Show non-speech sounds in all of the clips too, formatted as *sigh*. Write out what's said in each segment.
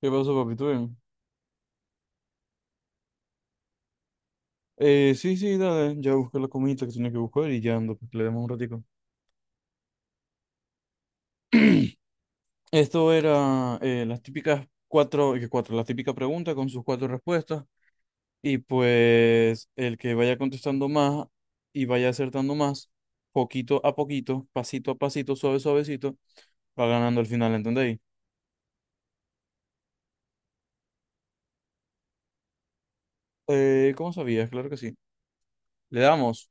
¿Qué pasó, papi? ¿Todo bien? Sí, sí, dale, ya busqué la comidita que tenía que buscar y ya ando, pues que le demos un ratico. Esto era las típicas cuatro, la típica pregunta con sus cuatro respuestas. Y pues el que vaya contestando más y vaya acertando más, poquito a poquito, pasito a pasito, suave, suavecito, va ganando al final, ¿entendéis? ¿Cómo sabías? Claro que sí. Le damos.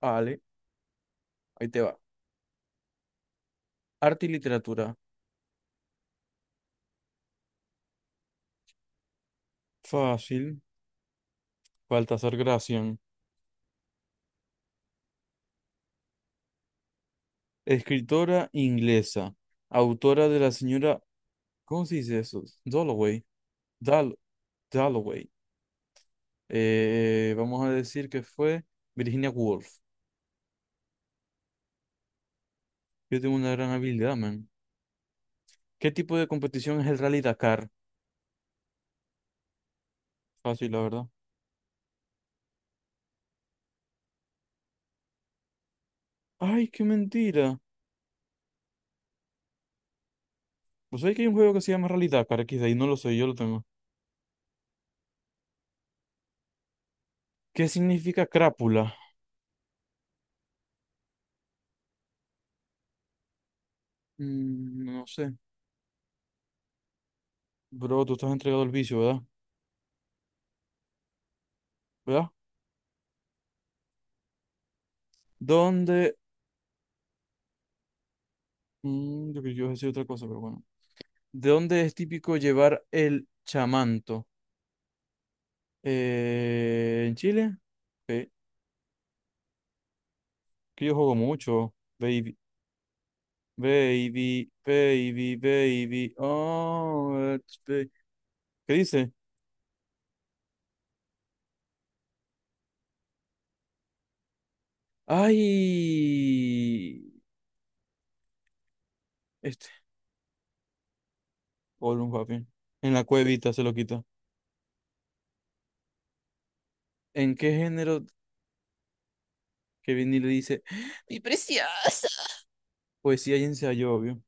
Vale, ahí te va. Arte y literatura. Fácil. Baltasar Gracián. Escritora inglesa, autora de la señora, ¿cómo se dice eso? Dalloway, Dal- Dalloway. Vamos a decir que fue Virginia Woolf. Yo tengo una gran habilidad, man. ¿Qué tipo de competición es el Rally Dakar? Fácil, la verdad. Ay, qué mentira. Pues hay que hay un juego que se llama Rally Dakar, aquí de ahí no lo sé, yo lo tengo. ¿Qué significa crápula? No sé. Bro, tú estás entregado al vicio, ¿verdad? ¿Verdad? ¿Dónde? Yo creo que yo iba a decir otra cosa, pero bueno. ¿De dónde es típico llevar el chamanto? ¿En Chile? Eh, que yo juego mucho. Baby, baby, baby, baby. Oh, it's ¿Qué dice? ¡Ay! Este, un papi. En la cuevita se lo quita. ¿En qué género que Vinny le dice? Mi preciosa. Poesía y ensayo, obvio.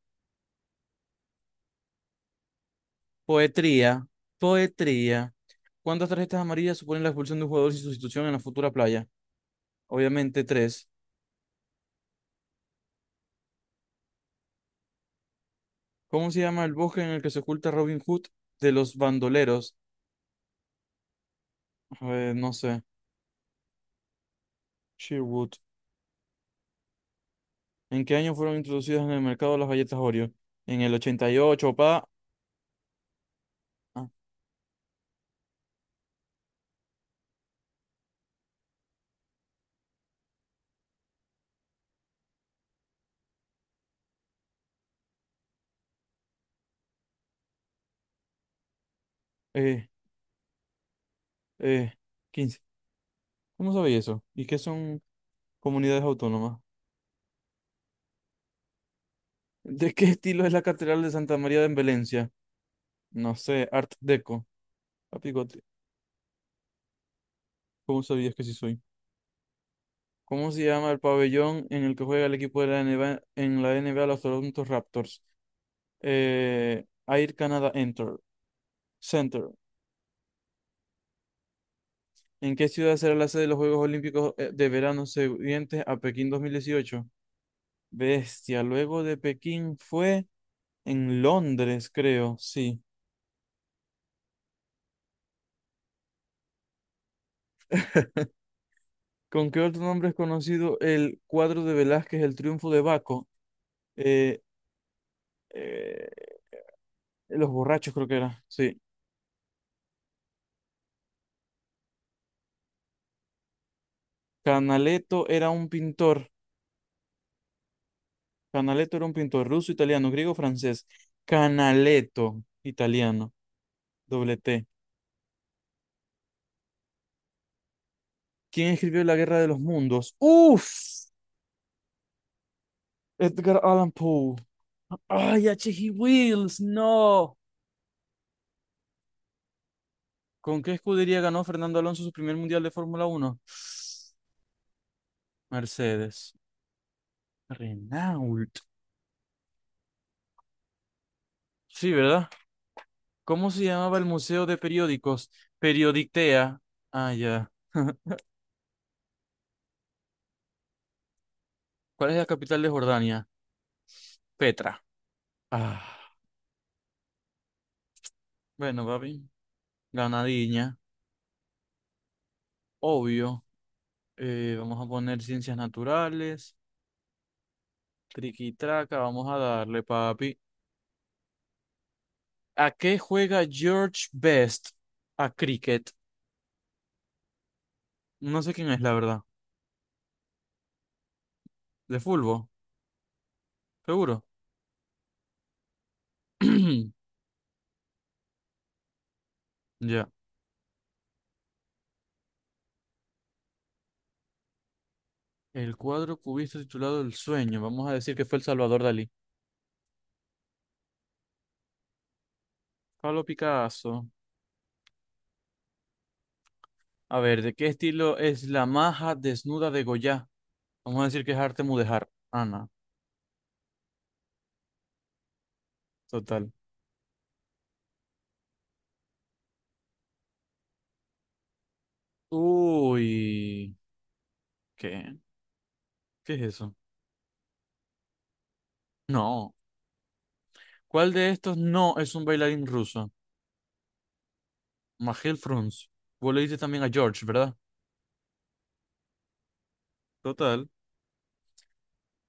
Poetría, poetría. ¿Cuántas tarjetas amarillas suponen la expulsión de un jugador sin sustitución en la futura playa? Obviamente tres. ¿Cómo se llama el bosque en el que se oculta Robin Hood de los bandoleros? No sé. Sherwood. ¿En qué año fueron introducidas en el mercado las galletas Oreo? En el 88, pa. Ah, eh, eh, 15. ¿Cómo sabéis eso? ¿Y qué son comunidades autónomas? ¿De qué estilo es la Catedral de Santa María de Valencia? No sé, Art Deco. Papi, Goti, ¿cómo sabías que sí soy? ¿Cómo se llama el pabellón en el que juega el equipo de la NBA, en la NBA los Toronto Raptors? Air Canada Center. ¿En qué ciudad será la sede de los Juegos Olímpicos de verano siguientes a Pekín 2018? Bestia, luego de Pekín fue en Londres, creo, sí. ¿Con qué otro nombre es conocido el cuadro de Velázquez, El Triunfo de Baco? Eh, eh, Los borrachos, creo que era, sí. Canaletto era un pintor. Canaletto era un pintor ruso, italiano, griego, francés. Canaletto, italiano, doble T. ¿Quién escribió La Guerra de los Mundos? ¡Uf! Edgar Allan Poe. ¡Ay, H. G. Wills! ¡No! ¿Con qué escudería ganó Fernando Alonso su primer mundial de Fórmula Uno? Mercedes. Renault. Sí, ¿verdad? ¿Cómo se llamaba el museo de periódicos? Periodictea. Ah, ya. ¿Cuál es la capital de Jordania? Petra. Ah, bueno, papi. Ganadiña. Obvio. Vamos a poner ciencias naturales. Triquitraca. Vamos a darle, papi. ¿A qué juega George Best? A cricket. No sé quién es, la verdad. ¿De fútbol? Seguro. *clears throat* Ya. El cuadro cubista titulado El sueño. Vamos a decir que fue el Salvador Dalí. Pablo Picasso. A ver, ¿de qué estilo es la maja desnuda de Goya? Vamos a decir que es arte mudéjar. Ana. Total. Uy. ¿Qué? ¿Qué es eso? No. ¿Cuál de estos no es un bailarín ruso? Magel Frunz. Vos le dices también a George, ¿verdad? Total.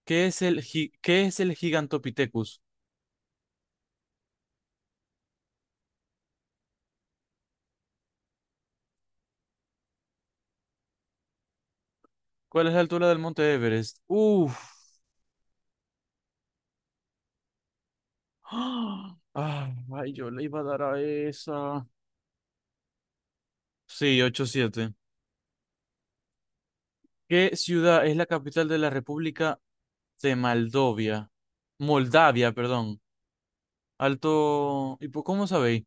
¿Qué es el, qué es el Gigantopithecus? ¿Cuál es la altura del monte Everest? Uf. *gasps* ¡Ah! Ay, yo le iba a dar a esa. Sí, 8-7. ¿Qué ciudad es la capital de la República de Moldavia? Moldavia, perdón. Alto. ¿Y cómo sabéis?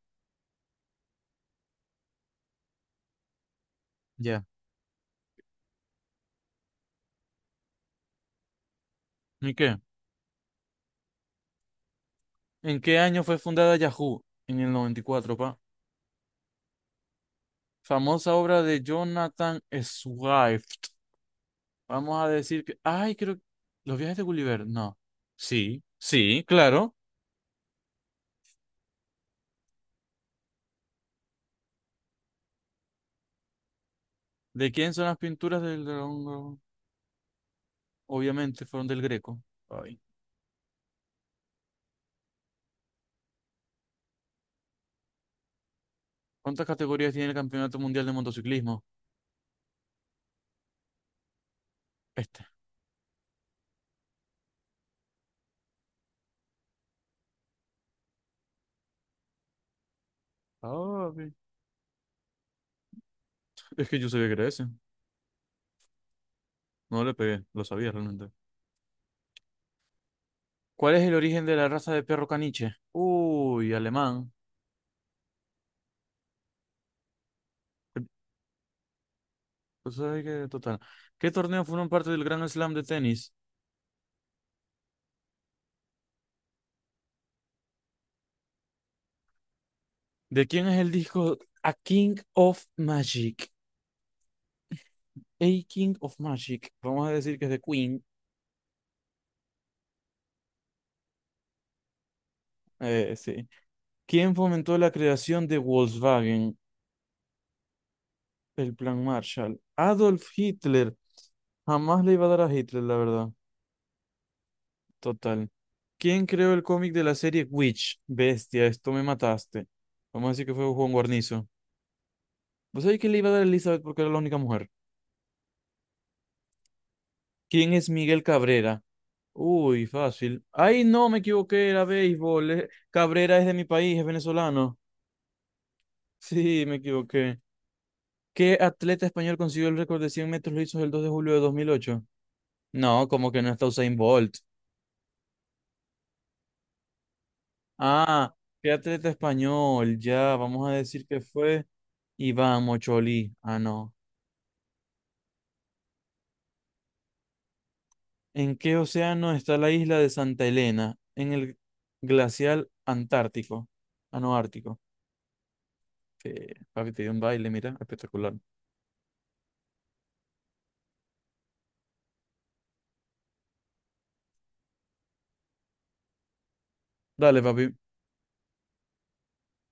Ya. ¿Y qué? ¿En qué año fue fundada Yahoo? En el 94, pa. Famosa obra de Jonathan Swift. Vamos a decir que, ay, creo, que los viajes de Gulliver, no. Sí, sí, claro. ¿De quién son las pinturas del dragón? ¿Rojo? Obviamente fueron del Greco. Ay. ¿Cuántas categorías tiene el Campeonato Mundial de Motociclismo? Este. Ah, bien. Es que yo sabía que era ese. No le pegué, lo sabía realmente. ¿Cuál es el origen de la raza de perro caniche? Uy, alemán. Pues hay que, total. ¿Qué torneos fueron parte del Grand Slam de tenis? ¿De quién es el disco A King of Magic? A King of Magic, vamos a decir que es de Queen, sí. ¿Quién fomentó la creación de Volkswagen, el Plan Marshall? Adolf Hitler. Jamás le iba a dar a Hitler, la verdad. Total. ¿Quién creó el cómic de la serie Witch? Bestia, esto me mataste. Vamos a decir que fue Juan Guarnizo. ¿Vos sabés que le iba a dar a Elizabeth porque era la única mujer? ¿Quién es Miguel Cabrera? Uy, fácil. Ay, no, me equivoqué, era béisbol. Cabrera es de mi país, es venezolano. *laughs* Sí, me equivoqué. ¿Qué atleta español consiguió el récord de 100 metros lisos el 2 de julio de 2008? No, como que no está Usain Bolt. Ah, ¿qué atleta español? Ya, vamos a decir que fue Iván Mocholí. Ah, no. ¿En qué océano está la isla de Santa Elena? En el glacial Antártico. Ah, no, Ártico. Que, papi, te dio un baile, mira, espectacular. Dale, papi.